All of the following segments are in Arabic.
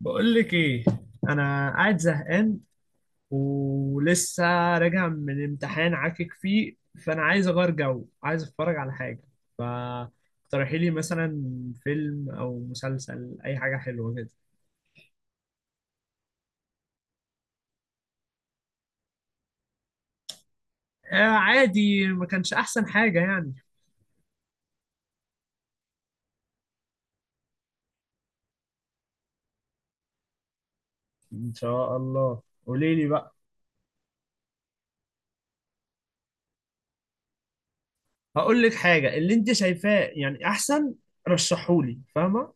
بقول لك ايه. انا قاعد زهقان ولسه راجع من امتحان عاكك فيه، فانا عايز اغير جو، عايز اتفرج على حاجه. فاقترحي لي مثلا فيلم او مسلسل، اي حاجه حلوه كده. آه عادي، ما كانش احسن حاجه يعني. ان شاء الله. قولي لي بقى. هقول لك حاجه، اللي انت شايفاه يعني احسن رشحولي، فاهمه؟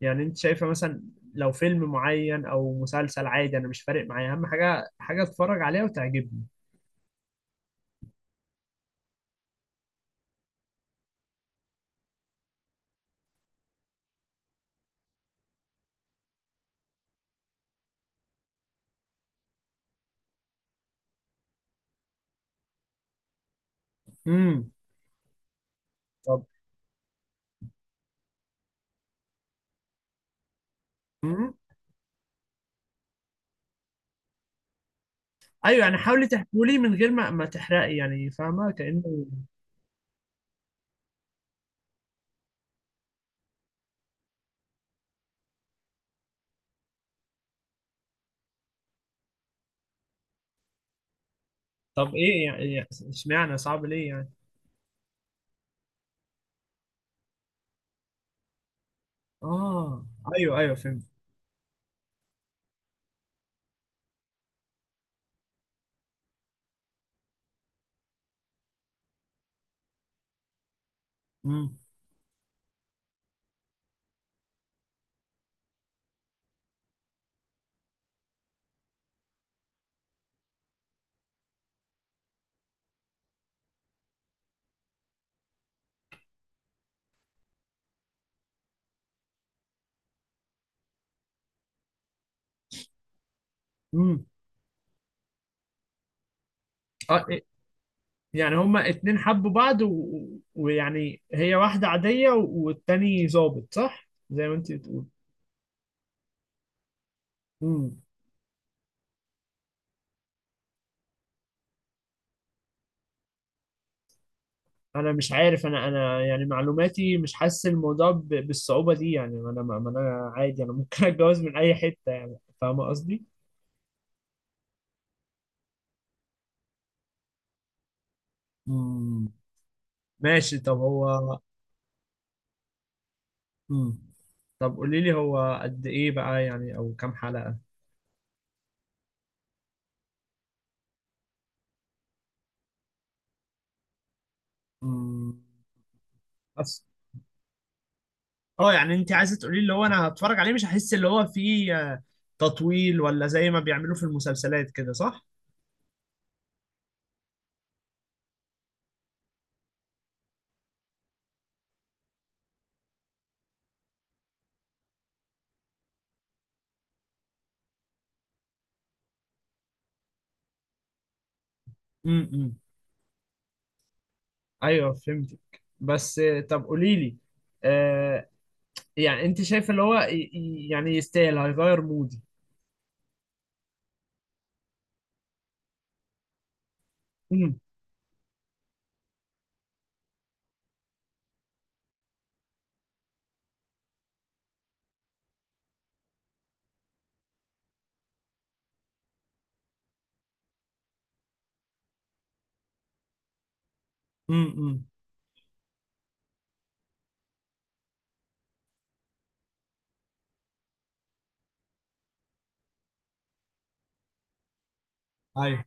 يعني انت شايفه مثلا لو فيلم معين او مسلسل، عادي انا مش فارق معايا، اهم حاجه حاجه اتفرج عليها وتعجبني. امم طب. امم ايوه يعني حاولي تحكولي من غير ما تحرقي، يعني فاهمه كأنه. طب ايه يعني، اشمعنى صعب ليه يعني؟ اه. ايوه ايوه فهمت. امم امم اه إيه، يعني هما اتنين حبوا بعض ويعني هي واحده عاديه والتاني ظابط، صح زي ما انت بتقول؟ امم انا مش عارف، انا يعني معلوماتي مش حاسس الموضوع بالصعوبه دي يعني. انا ما ما انا عادي، انا ممكن اتجوز من اي حته، يعني فاهمه قصدي. امم ماشي. طب هو مم. طب قولي لي، هو قد ايه بقى يعني، او كام حلقة؟ مم. بس اه، يعني انت عايزة تقولي لي اللي هو انا هتفرج عليه مش هحس اللي هو فيه تطويل، ولا زي ما بيعملوا في المسلسلات كده صح؟ مم. مم. ايوه فهمتك. بس طب قولي لي، آه يعني انت شايف اللي هو يعني يستاهل، هيغير مودي؟ مم. مم. أيوه.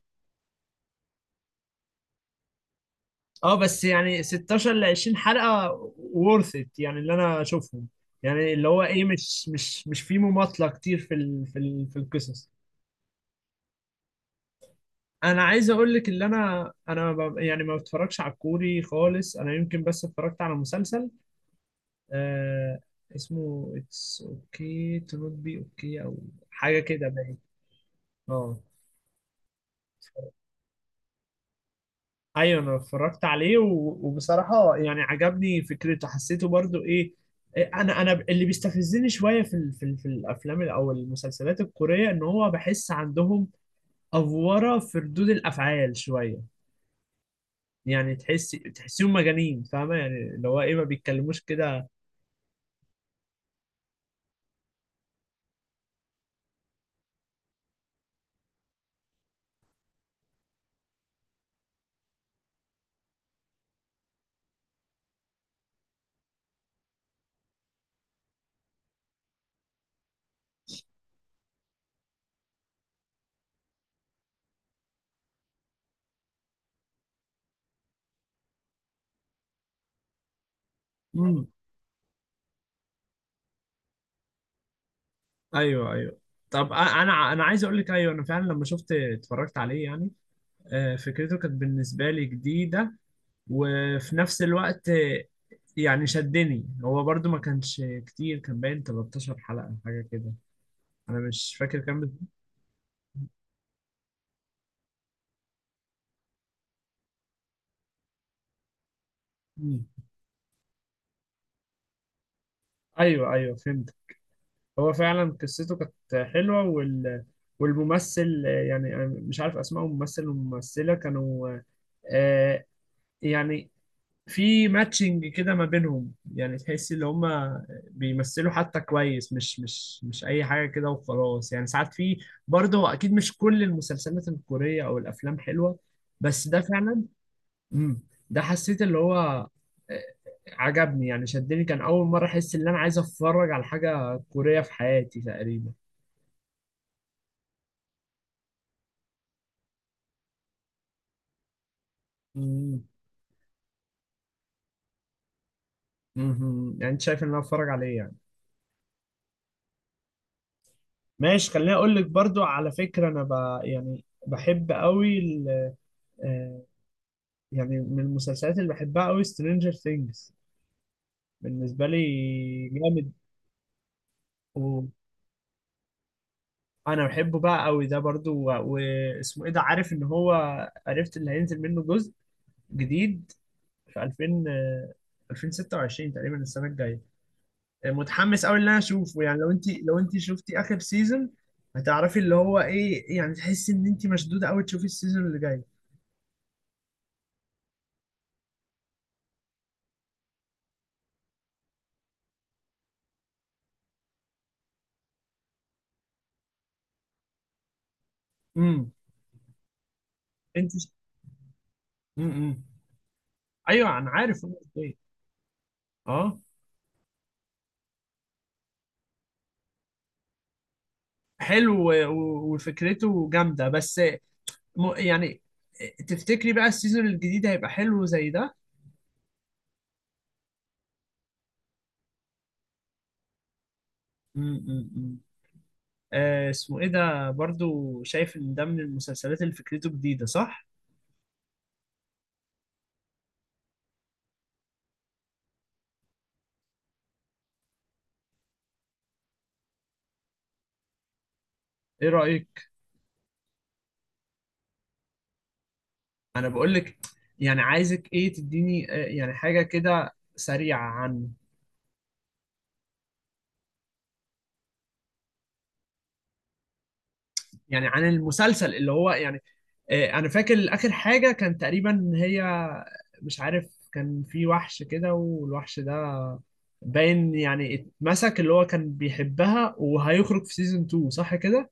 اه بس يعني 16 ل 20 حلقة worth it يعني اللي انا اشوفهم، يعني اللي هو ايه، مش في مماطلة كتير في ال في ال في القصص. انا عايز اقول لك، اللي انا يعني ما بتفرجش على الكوري خالص. انا يمكن بس اتفرجت على مسلسل آه اسمه اتس اوكي تو نوت بي اوكي او حاجة كده، باين. اه ايوه، انا اتفرجت عليه وبصراحه يعني عجبني فكرته، حسيته برضو ايه انا اللي بيستفزني شويه في ال في, ال في الافلام او المسلسلات الكوريه، ان هو بحس عندهم افوره في ردود الافعال شويه. يعني تحسيهم مجانين، فاهمه يعني اللي هو ايه، ما بيتكلموش كده. امم ايوه ايوه. طب انا عايز اقول لك، ايوه انا فعلا لما اتفرجت عليه يعني فكرته كانت بالنسبه لي جديده، وفي نفس الوقت يعني شدني. هو برضو ما كانش كتير، كان باين 13 حلقة حاجة كده، أنا مش فاكر كام مم. أيوه أيوه فهمت. هو فعلا قصته كانت حلوة، والممثل يعني أنا مش عارف أسماء الممثل والممثلة، كانوا آه، يعني في ماتشنج كده ما بينهم، يعني تحس ان هما بيمثلوا حتى كويس، مش اي حاجه كده وخلاص. يعني ساعات في برضه، اكيد مش كل المسلسلات الكوريه او الافلام حلوه، بس ده فعلا امم ده حسيت اللي هو عجبني يعني شدني، كان اول مره احس ان انا عايز اتفرج على حاجه كوريه في حياتي تقريبا. امم يعني انت شايف ان انا اتفرج عليه يعني؟ ماشي. خليني اقول لك برضو على فكره، انا يعني بحب قوي، يعني من المسلسلات اللي بحبها قوي، سترينجر ثينجز. بالنسبة لي جامد. وانا بحبه بقى قوي ده برضو، واسمه ايه ده، عارف ان هو عرفت اللي هينزل منه جزء جديد في 2000 آه، 2026 تقريبا السنة الجاية. متحمس قوي ان انا اشوفه يعني. لو انت شفتي اخر سيزون، هتعرفي اللي هو ايه، يعني تحسي ان انت مشدودة قوي تشوفي السيزون اللي جاي. امم انت امم ايوه انا عارف هو إزاي. اه حلو وفكرته جامدة. بس يعني تفتكري بقى السيزون الجديد هيبقى حلو زي ده؟ م- م- م. اسمه ايه ده، برضو شايف ان ده من المسلسلات اللي فكرته جديدة صح؟ ايه رأيك؟ انا بقول لك، يعني عايزك ايه، تديني يعني حاجة كده سريعة عن يعني عن المسلسل، اللي هو يعني انا فاكر اخر حاجه كان تقريبا هي، مش عارف كان في وحش كده، والوحش ده باين يعني اتمسك، اللي هو كان بيحبها، وهيخرج في سيزون 2 صح كده؟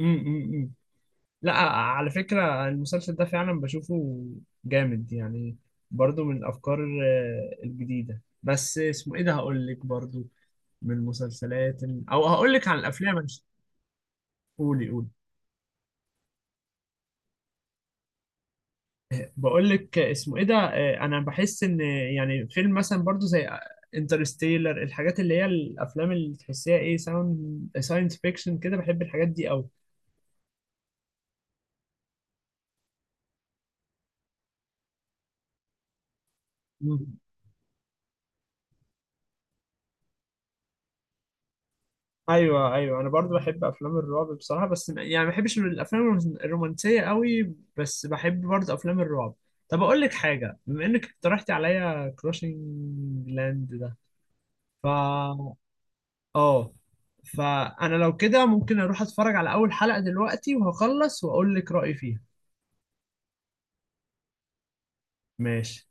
أمم. لا على فكره المسلسل ده فعلا بشوفه جامد يعني، برضو من الافكار الجديده. بس اسمه ايه ده، هقول لك برضو من المسلسلات، او هقول لك عن الافلام. قولي قولي. بقول لك اسمه ايه ده، انا بحس ان يعني فيلم مثلا برضو زي انترستيلر، الحاجات اللي هي الافلام اللي تحسيها ايه، ساوند ساينس فيكشن كده، بحب الحاجات دي قوي. مم. ايوه ايوه، انا برضو بحب افلام الرعب بصراحه. بس يعني ما بحبش الافلام الرومانسيه قوي، بس بحب برضو افلام الرعب. طب اقول لك حاجه، بما انك اقترحتي عليا كروشنج لاند ده، فا اه فانا لو كده ممكن اروح اتفرج على اول حلقه دلوقتي، وهخلص واقول لك رايي فيها. ماشي.